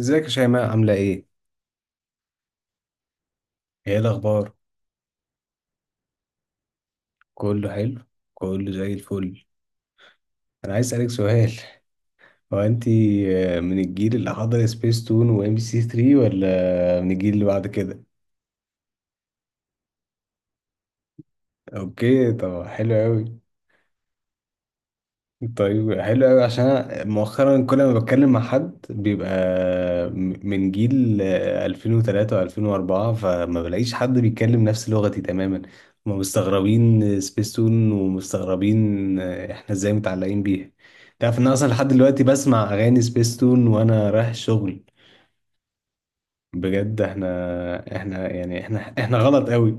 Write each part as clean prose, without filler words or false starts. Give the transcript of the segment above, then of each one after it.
ازيك يا شيماء، عاملة ايه؟ ايه الأخبار؟ كله حلو؟ كله زي الفل. أنا عايز أسألك سؤال. هو أنتي من الجيل اللي حضر سبيس تون وام بي سي 3 ولا من الجيل اللي بعد كده؟ اوكي، طب حلو أوي. طيب حلو قوي، عشان أنا مؤخرا كل ما بتكلم مع حد بيبقى من جيل 2003 و2004، فما بلاقيش حد بيتكلم نفس لغتي تماما. هما مستغربين سبيستون ومستغربين احنا ازاي متعلقين بيها. تعرف ان أنا اصلا لحد دلوقتي بسمع اغاني سبيستون وانا رايح شغل؟ بجد احنا يعني احنا غلط قوي.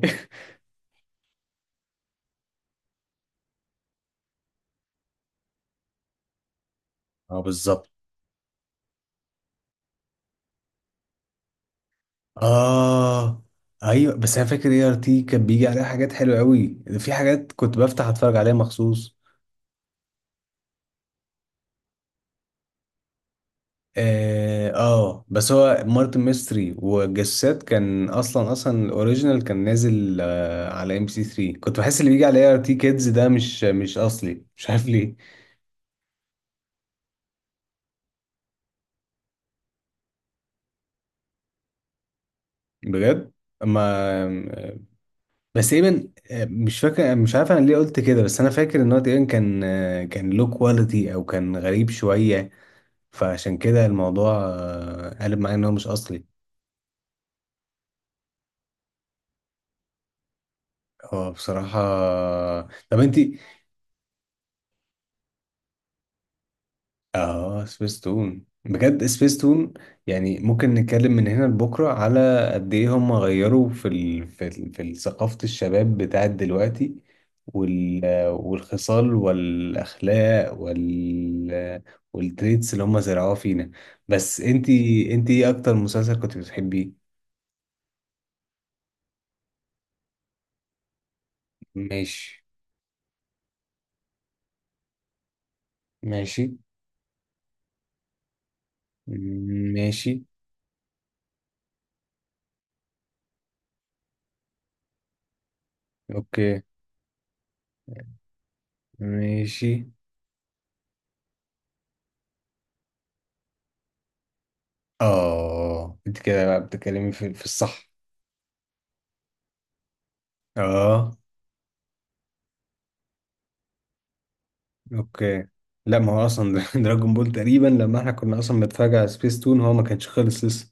اه بالظبط. اه، ايوه، بس انا فاكر اي ار تي كان بيجي عليها حاجات حلوه قوي، في حاجات كنت بفتح اتفرج عليها مخصوص. اه, بس هو مارتن ميستري والجسات كان اصلا اصلا الاوريجينال كان نازل على ام سي 3. كنت بحس اللي بيجي على اي ار تي كيدز ده مش اصلي، مش عارف ليه. بجد ما، بس تقريبا مش فاكر، مش عارف انا ليه قلت كده، بس انا فاكر ان هو تقريبا كان كان لو كواليتي او كان غريب شويه، فعشان كده الموضوع قلب معايا ان هو مش اصلي. هو بصراحة. طب انت. اه سبيس تون، بجد سبيس تون. يعني ممكن نتكلم من هنا لبكرة على قد ايه هم غيروا في ثقافة الشباب بتاعت دلوقتي. وال... والخصال والاخلاق والتريتس اللي هم زرعوها فينا. بس انت ايه اكتر مسلسل كنت بتحبيه؟ ماشي. ماشي. ماشي. اوكي. ماشي. اه، انت كده بقى بتتكلمي في الصح. اه. اوكي، لا ما هو اصلا دراجون بول تقريبا لما احنا كنا اصلا بنتفرج على سبيس تون هو ما كانش خلص لسه.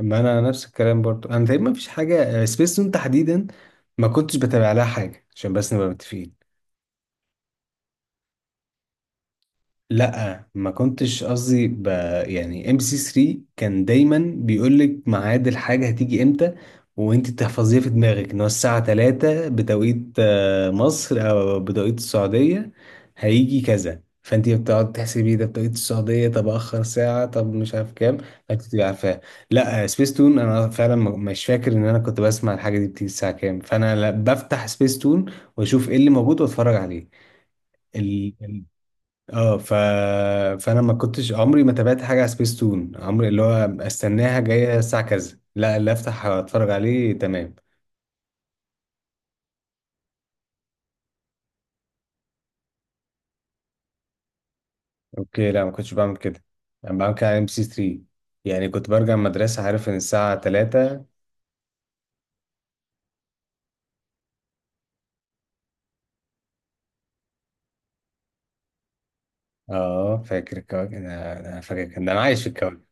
اما انا نفس الكلام برضو، انا تقريبا ما فيش حاجه سبيس تون تحديدا ما كنتش بتابع لها حاجه، عشان بس نبقى متفقين. لا ما كنتش قصدي يعني ام سي 3 كان دايما بيقول لك ميعاد الحاجه هتيجي امتى، وانت تحفظيها في دماغك ان هو الساعه 3 بتوقيت مصر او بتوقيت السعوديه. هيجي كذا، فانت بتقعد تحسبي ده بتوقيت السعوديه، طب اخر ساعه، طب مش عارف كام. فانت تبقي عارفاها. لا سبيس تون انا فعلا مش فاكر ان انا كنت بسمع الحاجه دي بتيجي الساعه كام، فانا لا بفتح سبيس تون واشوف ايه اللي موجود واتفرج عليه. اه فانا ما كنتش عمري ما تابعت حاجه على سبيس تون عمري اللي هو استناها جايه الساعه كذا، لا اللي افتح اتفرج عليه. تمام. اوكي، لا ما كنتش بعمل كده. انا بعمل كده على ام سي 3. يعني كنت برجع من المدرسه عارف ان الساعه 3. اه فاكر الكواكب، أنا فاكر، كان ده انا عايش في الكواكب.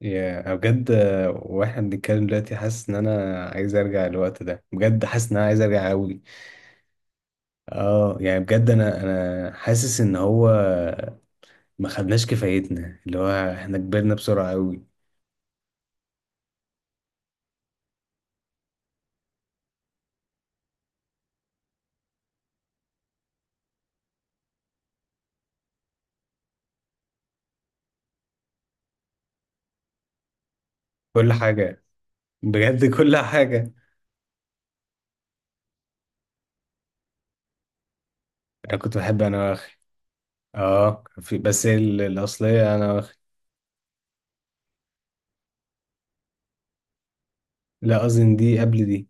يا أنا بجد، واحنا بنتكلم دلوقتي حاسس ان انا عايز ارجع الوقت ده، بجد حاسس ان انا عايز ارجع قوي. اه، يعني بجد انا حاسس ان هو ما خدناش كفايتنا، اللي هو احنا كبرنا بسرعة قوي. كل حاجة. بجد كل حاجة. انا كنت بحب انا واخي. اه، في بس الاصلية انا واخي. لا قصدي إن دي قبل دي.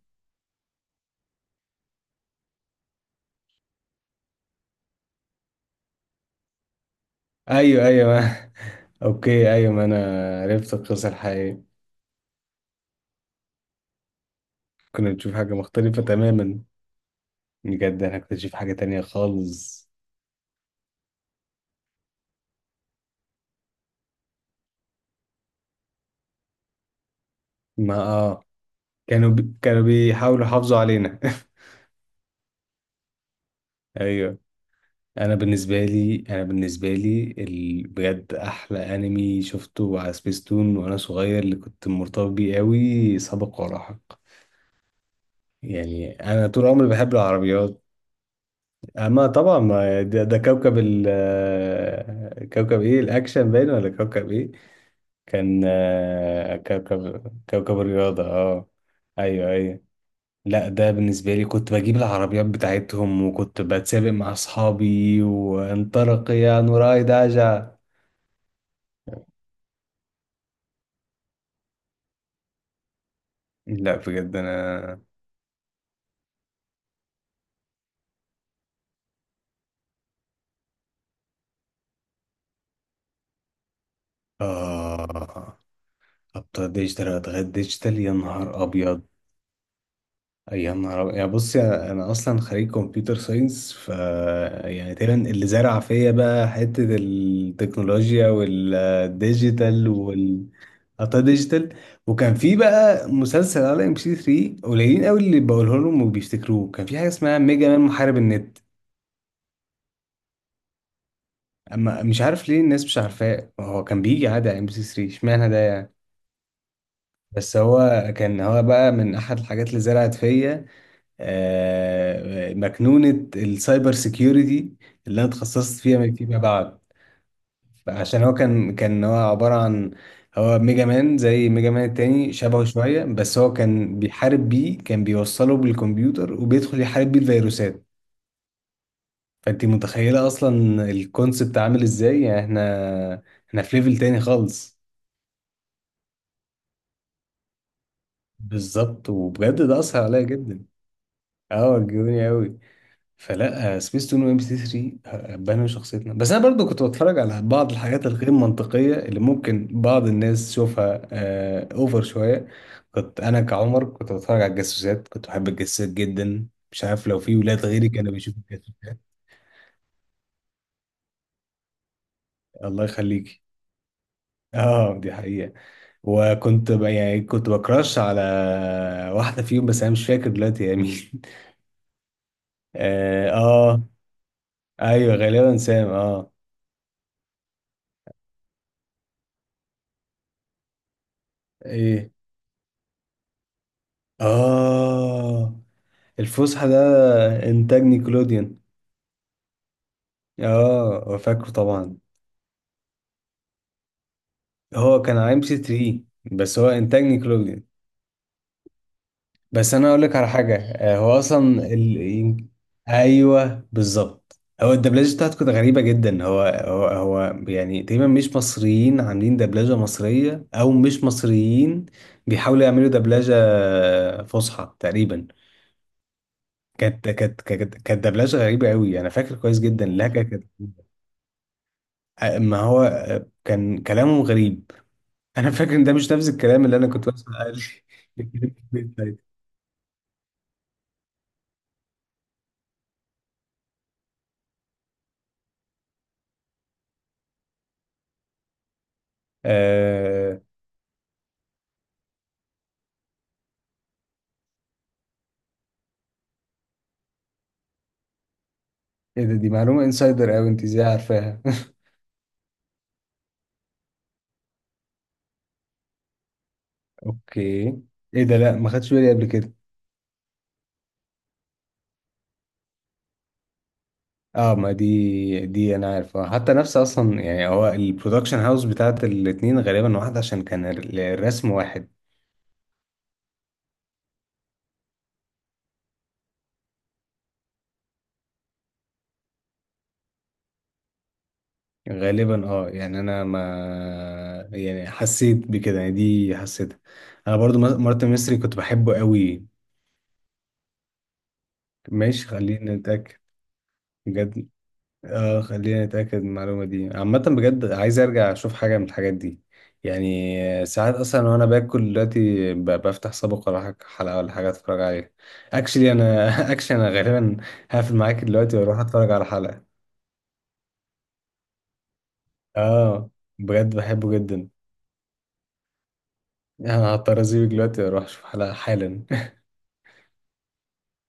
ايوه ايوه ما. اوكي، ايوه ما انا عرفت القصة الحقيقية. كنا بنشوف حاجة مختلفة تماما، بجد انا كنت بشوف حاجة تانية خالص. ما اه، كانوا كانوا بيحاولوا يحافظوا علينا. ايوه. انا بالنسبه لي بجد احلى انمي شفته على سبيستون وانا صغير اللي كنت مرتبط بيه قوي سابق ولاحق. يعني انا طول عمري بحب العربيات. اما طبعا ما ده كوكب كوكب ايه، الاكشن باين، ولا كوكب ايه؟ كان كوكب الرياضه، اه. ايوه ايوه. لا ده بالنسبة لي كنت بجيب العربيات بتاعتهم وكنت بتسابق مع أصحابي، وانطلق يا نوراي داجا. لا بجد انا. اه، ابطال ديجيتال واتغير ديجيتال، يا نهار ابيض. يا نهار أبيض. يعني بص انا اصلا خريج كمبيوتر ساينس. ف يعني تقريبا اللي زرع فيا بقى حته التكنولوجيا والديجيتال وال، ابطال ديجيتال. وكان في بقى مسلسل على ام بي 3 قليلين قوي اللي بقوله لهم وبيفتكروه، كان في حاجه اسمها ميجا مان محارب النت. اما مش عارف ليه الناس مش عارفاه، هو كان بيجي عادي على ام بي 3، اشمعنى ده يعني؟ بس هو كان، هو بقى من احد الحاجات اللي زرعت فيا مكنونة السايبر سيكيورتي اللي انا اتخصصت فيها فيما بعد. عشان هو كان، هو عبارة عن، هو ميجا مان زي ميجا مان التاني شبهه شوية، بس هو كان بيحارب بيه، كان بيوصله بالكمبيوتر وبيدخل يحارب بيه الفيروسات. فانت متخيلة اصلا الكونسبت عامل ازاي؟ يعني احنا، في ليفل تاني خالص. بالظبط، وبجد ده اثر عليا جدا. اه، وجهوني قوي. فلا سبيس تون وام بي سي 3 بنوا شخصيتنا، بس انا برضو كنت بتفرج على بعض الحاجات الغير منطقيه اللي ممكن بعض الناس تشوفها آه اوفر شويه. كنت انا كعمر كنت بتفرج على الجاسوسات، كنت بحب الجاسوسات جدا، مش عارف لو في ولاد غيري كانوا بيشوفوا الجاسوسات. الله يخليكي. اه دي حقيقه. وكنت يعني كنت بكراش على واحده فيهم بس انا مش فاكر دلوقتي يا مين. اه, ايوه غالبا سام، اه. ايه. اه. الفسحة ده إنتاج نيكلوديان. فاكره طبعا. هو كان على ام سي 3 بس هو إنتاج نيكلوديان. بس أنا أقولك على حاجة هو أصلا أيوه بالظبط. هو الدبلجة بتاعته كانت غريبة جدا، هو يعني تقريبا مش مصريين عاملين دبلجة مصرية، أو مش مصريين بيحاولوا يعملوا دبلجة فصحى تقريبا. كانت دبلجة غريبة أوي، أنا فاكر كويس جدا لهجة كانت ما هو كان كلامه غريب. انا فاكر ان ده مش نفس الكلام اللي انا كنت بسمع. لي آه، ايه ده؟ دي معلومه انسايدر قوي، انت ازاي عارفاها؟ اوكي. ايه ده، لا ما خدتش بالي قبل كده. اه ما دي انا عارف حتى نفس اصلا، يعني هو البرودكشن هاوس بتاعت الاتنين غالبا واحد عشان كان الرسم واحد. غالبا اه. يعني انا ما، يعني حسيت بكده، يعني دي حسيتها. انا برضو مرت مصري كنت بحبه قوي. ماشي، خلينا نتأكد. بجد اه، خلينا نتأكد من المعلومة دي. عامة بجد عايز ارجع اشوف حاجة من الحاجات دي. يعني ساعات اصلا وانا باكل دلوقتي بفتح سابق، ولا حلقة ولا حاجة اتفرج عليها. اكشلي انا اكشلي انا غالبا هقفل معاك دلوقتي واروح اتفرج على حلقة. اه بجد بحبه جدا. انا هضطر اسيبك دلوقتي واروح اشوف حلقة حالا.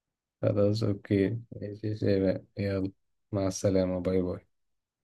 خلاص اوكي، ماشي يا شباب، يلا. مع السلامة، باي باي.